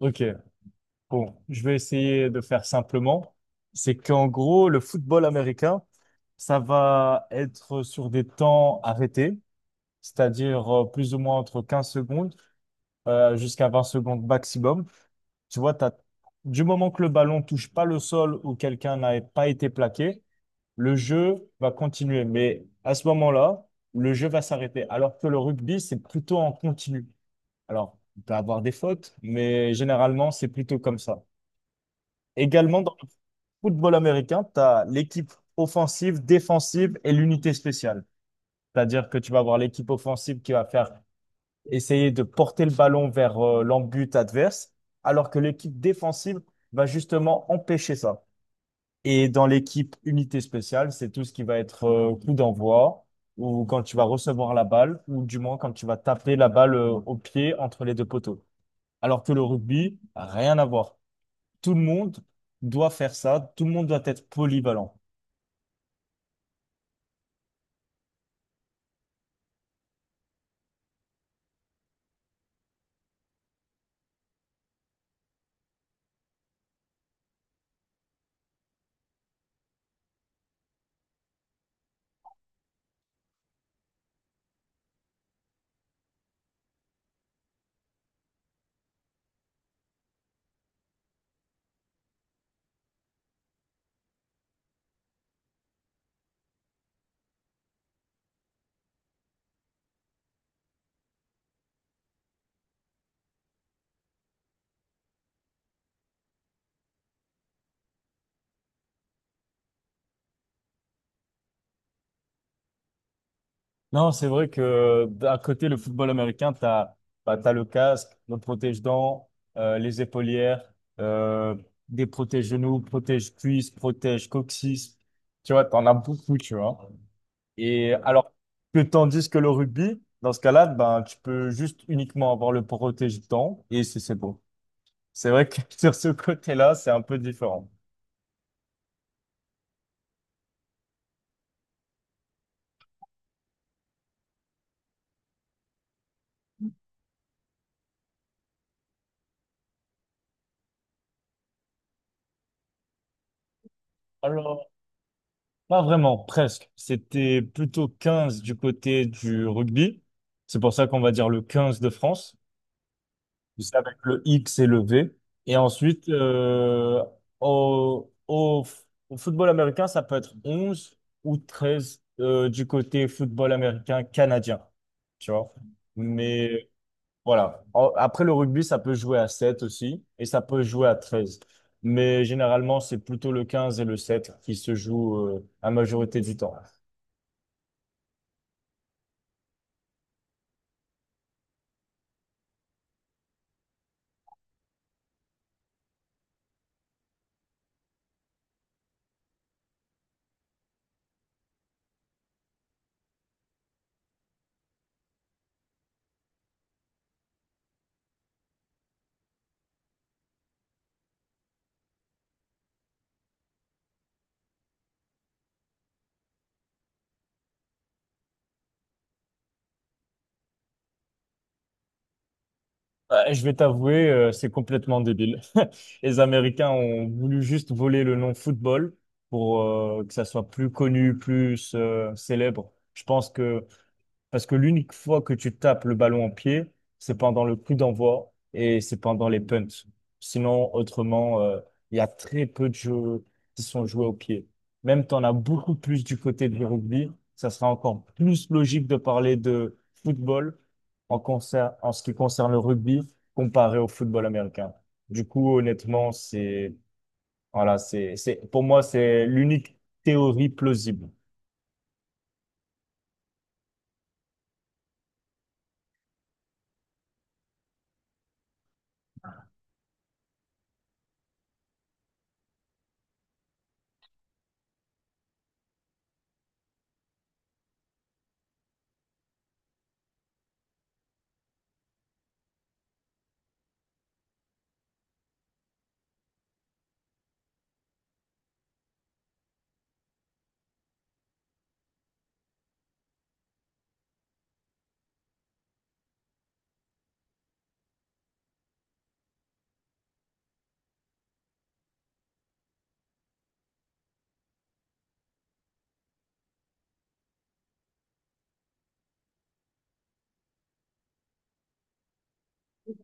Ok, bon, je vais essayer de faire simplement. C'est qu'en gros, le football américain, ça va être sur des temps arrêtés, c'est-à-dire plus ou moins entre 15 secondes jusqu'à 20 secondes maximum. Tu vois, t'as, du moment que le ballon touche pas le sol ou quelqu'un n'a pas été plaqué, le jeu va continuer. Mais à ce moment-là, le jeu va s'arrêter. Alors que le rugby, c'est plutôt en continu. Alors, on peut avoir des fautes, mais généralement, c'est plutôt comme ça. Également, dans le football américain, tu as l'équipe offensive, défensive et l'unité spéciale. C'est-à-dire que tu vas avoir l'équipe offensive qui va faire essayer de porter le ballon vers l'embut adverse, alors que l'équipe défensive va justement empêcher ça. Et dans l'équipe unité spéciale, c'est tout ce qui va être coup d'envoi ou quand tu vas recevoir la balle ou du moins quand tu vas taper la balle au pied entre les deux poteaux. Alors que le rugby, rien à voir, tout le monde doit faire ça, tout le monde doit être polyvalent. Non, c'est vrai que d'un côté, le football américain, tu as le casque, le protège-dents, les épaulières, euh, des protège-genoux, protège-cuisses, protège-coccyx. Tu vois, tu en as beaucoup, tu vois. Et alors que tandis que le rugby, dans ce cas-là, ben, tu peux juste uniquement avoir le protège-dents et c'est beau. C'est vrai que sur ce côté-là, c'est un peu différent. Alors, pas vraiment, presque. C'était plutôt 15 du côté du rugby. C'est pour ça qu'on va dire le 15 de France. C'est avec le X et le V. Et ensuite, au football américain, ça peut être 11 ou 13 du côté football américain canadien. Tu vois? Mais voilà. Après le rugby, ça peut jouer à 7 aussi. Et ça peut jouer à 13. Mais généralement, c'est plutôt le 15 et le 7 qui se jouent la majorité du temps. Ouais, je vais t'avouer, c'est complètement débile. Les Américains ont voulu juste voler le nom football pour que ça soit plus connu, plus célèbre. Je pense que parce que l'unique fois que tu tapes le ballon en pied, c'est pendant le coup d'envoi et c'est pendant les punts. Sinon, autrement, il y a très peu de jeux qui sont joués au pied. Même tu en as beaucoup plus du côté du rugby. Ça sera encore plus logique de parler de football en ce qui concerne le rugby comparé au football américain. Du coup, honnêtement, c'est, pour moi, c'est l'unique théorie plausible.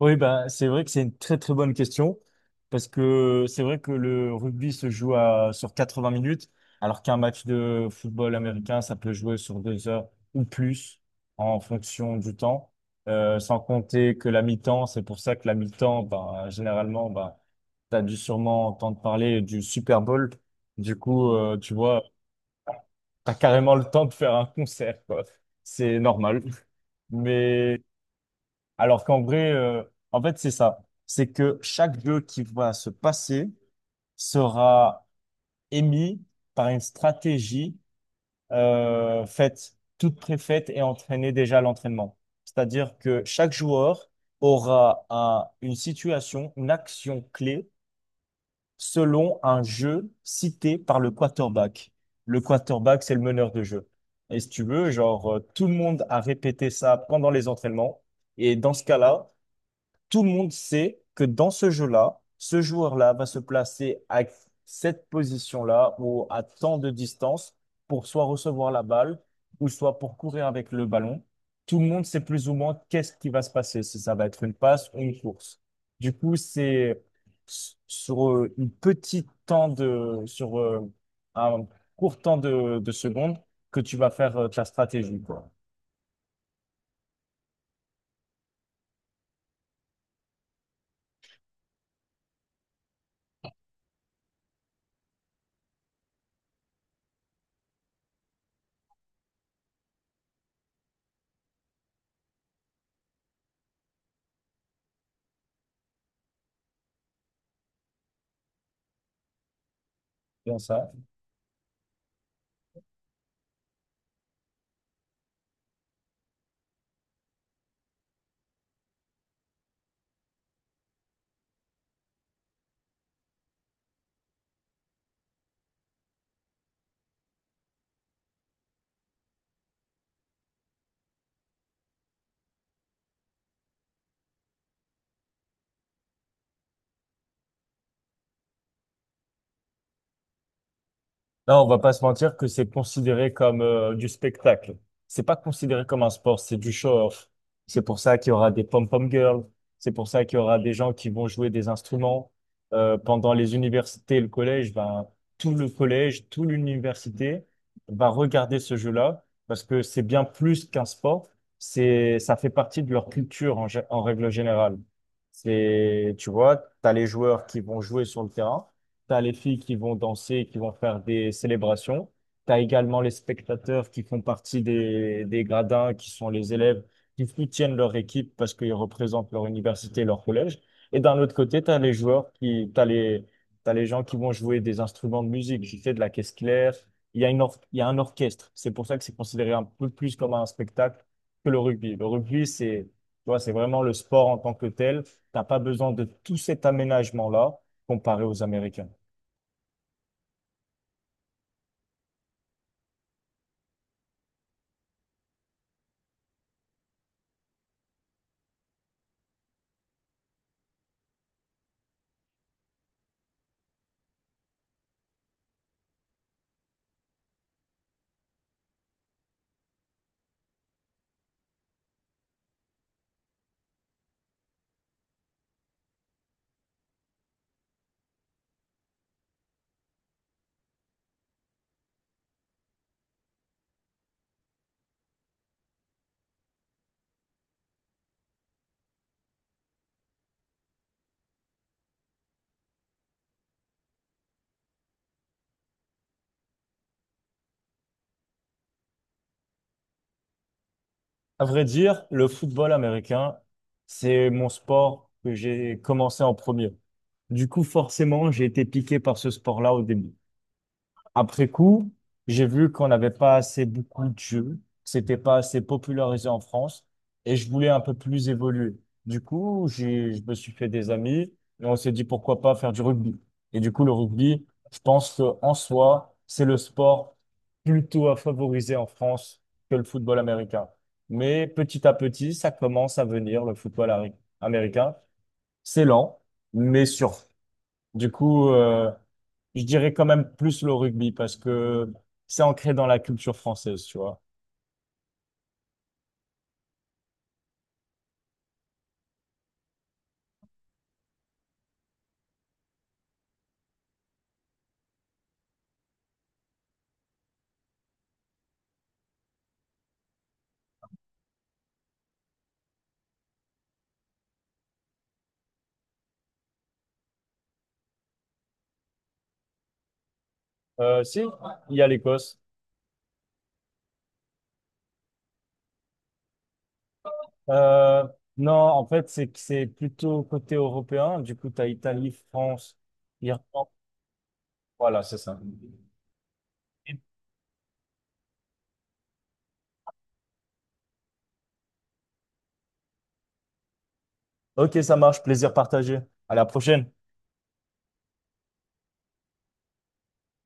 Oui, bah, c'est vrai que c'est une très très bonne question parce que c'est vrai que le rugby se joue sur 80 minutes alors qu'un match de football américain, ça peut jouer sur deux heures ou plus en fonction du temps. Sans compter que la mi-temps, c'est pour ça que la mi-temps, bah, généralement, bah, tu as dû sûrement entendre parler du Super Bowl. Du coup, tu vois, tu as carrément le temps de faire un concert, quoi. C'est normal. Mais alors qu'en vrai, en fait, c'est ça. C'est que chaque jeu qui va se passer sera émis par une stratégie faite, toute préfaite et entraînée déjà à l'entraînement. C'est-à-dire que chaque joueur aura une situation, une action clé selon un jeu cité par le quarterback. Le quarterback, c'est le meneur de jeu. Et si tu veux, genre, tout le monde a répété ça pendant les entraînements. Et dans ce cas-là, tout le monde sait que dans ce jeu-là, ce joueur-là va se placer à cette position-là ou à tant de distance pour soit recevoir la balle ou soit pour courir avec le ballon. Tout le monde sait plus ou moins qu'est-ce qui va se passer, si ça va être une passe ou une course. Du coup, c'est sur une petite temps de, sur un court temps de secondes que tu vas faire ta stratégie, quoi. Bien ça. Là, on va pas se mentir que c'est considéré comme du spectacle. C'est pas considéré comme un sport, c'est du show-off. C'est pour ça qu'il y aura des pom-pom girls. C'est pour ça qu'il y aura des gens qui vont jouer des instruments. Pendant les universités et le collège, ben, tout le collège, toute l'université va regarder ce jeu-là parce que c'est bien plus qu'un sport. C'est, ça fait partie de leur culture en règle générale. C'est, tu vois, t'as les joueurs qui vont jouer sur le terrain. Tu as les filles qui vont danser, qui vont faire des célébrations. Tu as également les spectateurs qui font partie des gradins, qui sont les élèves qui soutiennent leur équipe parce qu'ils représentent leur université, leur collège. Et d'un autre côté, tu as les joueurs qui, t'as les gens qui vont jouer des instruments de musique. J'ai fait de la caisse claire. Il y a il y a un orchestre. C'est pour ça que c'est considéré un peu plus comme un spectacle que le rugby. Le rugby, c'est, tu vois, c'est vraiment le sport en tant que tel. T'as pas besoin de tout cet aménagement-là comparé aux Américains. À vrai dire, le football américain, c'est mon sport que j'ai commencé en premier. Du coup, forcément, j'ai été piqué par ce sport-là au début. Après coup, j'ai vu qu'on n'avait pas assez beaucoup de jeux, que c'était pas assez popularisé en France, et je voulais un peu plus évoluer. Du coup, je me suis fait des amis, et on s'est dit pourquoi pas faire du rugby. Et du coup, le rugby, je pense que en soi, c'est le sport plutôt à favoriser en France que le football américain. Mais petit à petit, ça commence à venir, le football américain. C'est lent, mais sur du coup, je dirais quand même plus le rugby parce que c'est ancré dans la culture française, tu vois. Si, il y a l'Écosse. Euh, non, en fait, c'est que c'est plutôt côté européen. Du coup, tu as Italie, France, Irlande. Voilà, c'est ça. Ok, ça marche. Plaisir partagé. À la prochaine.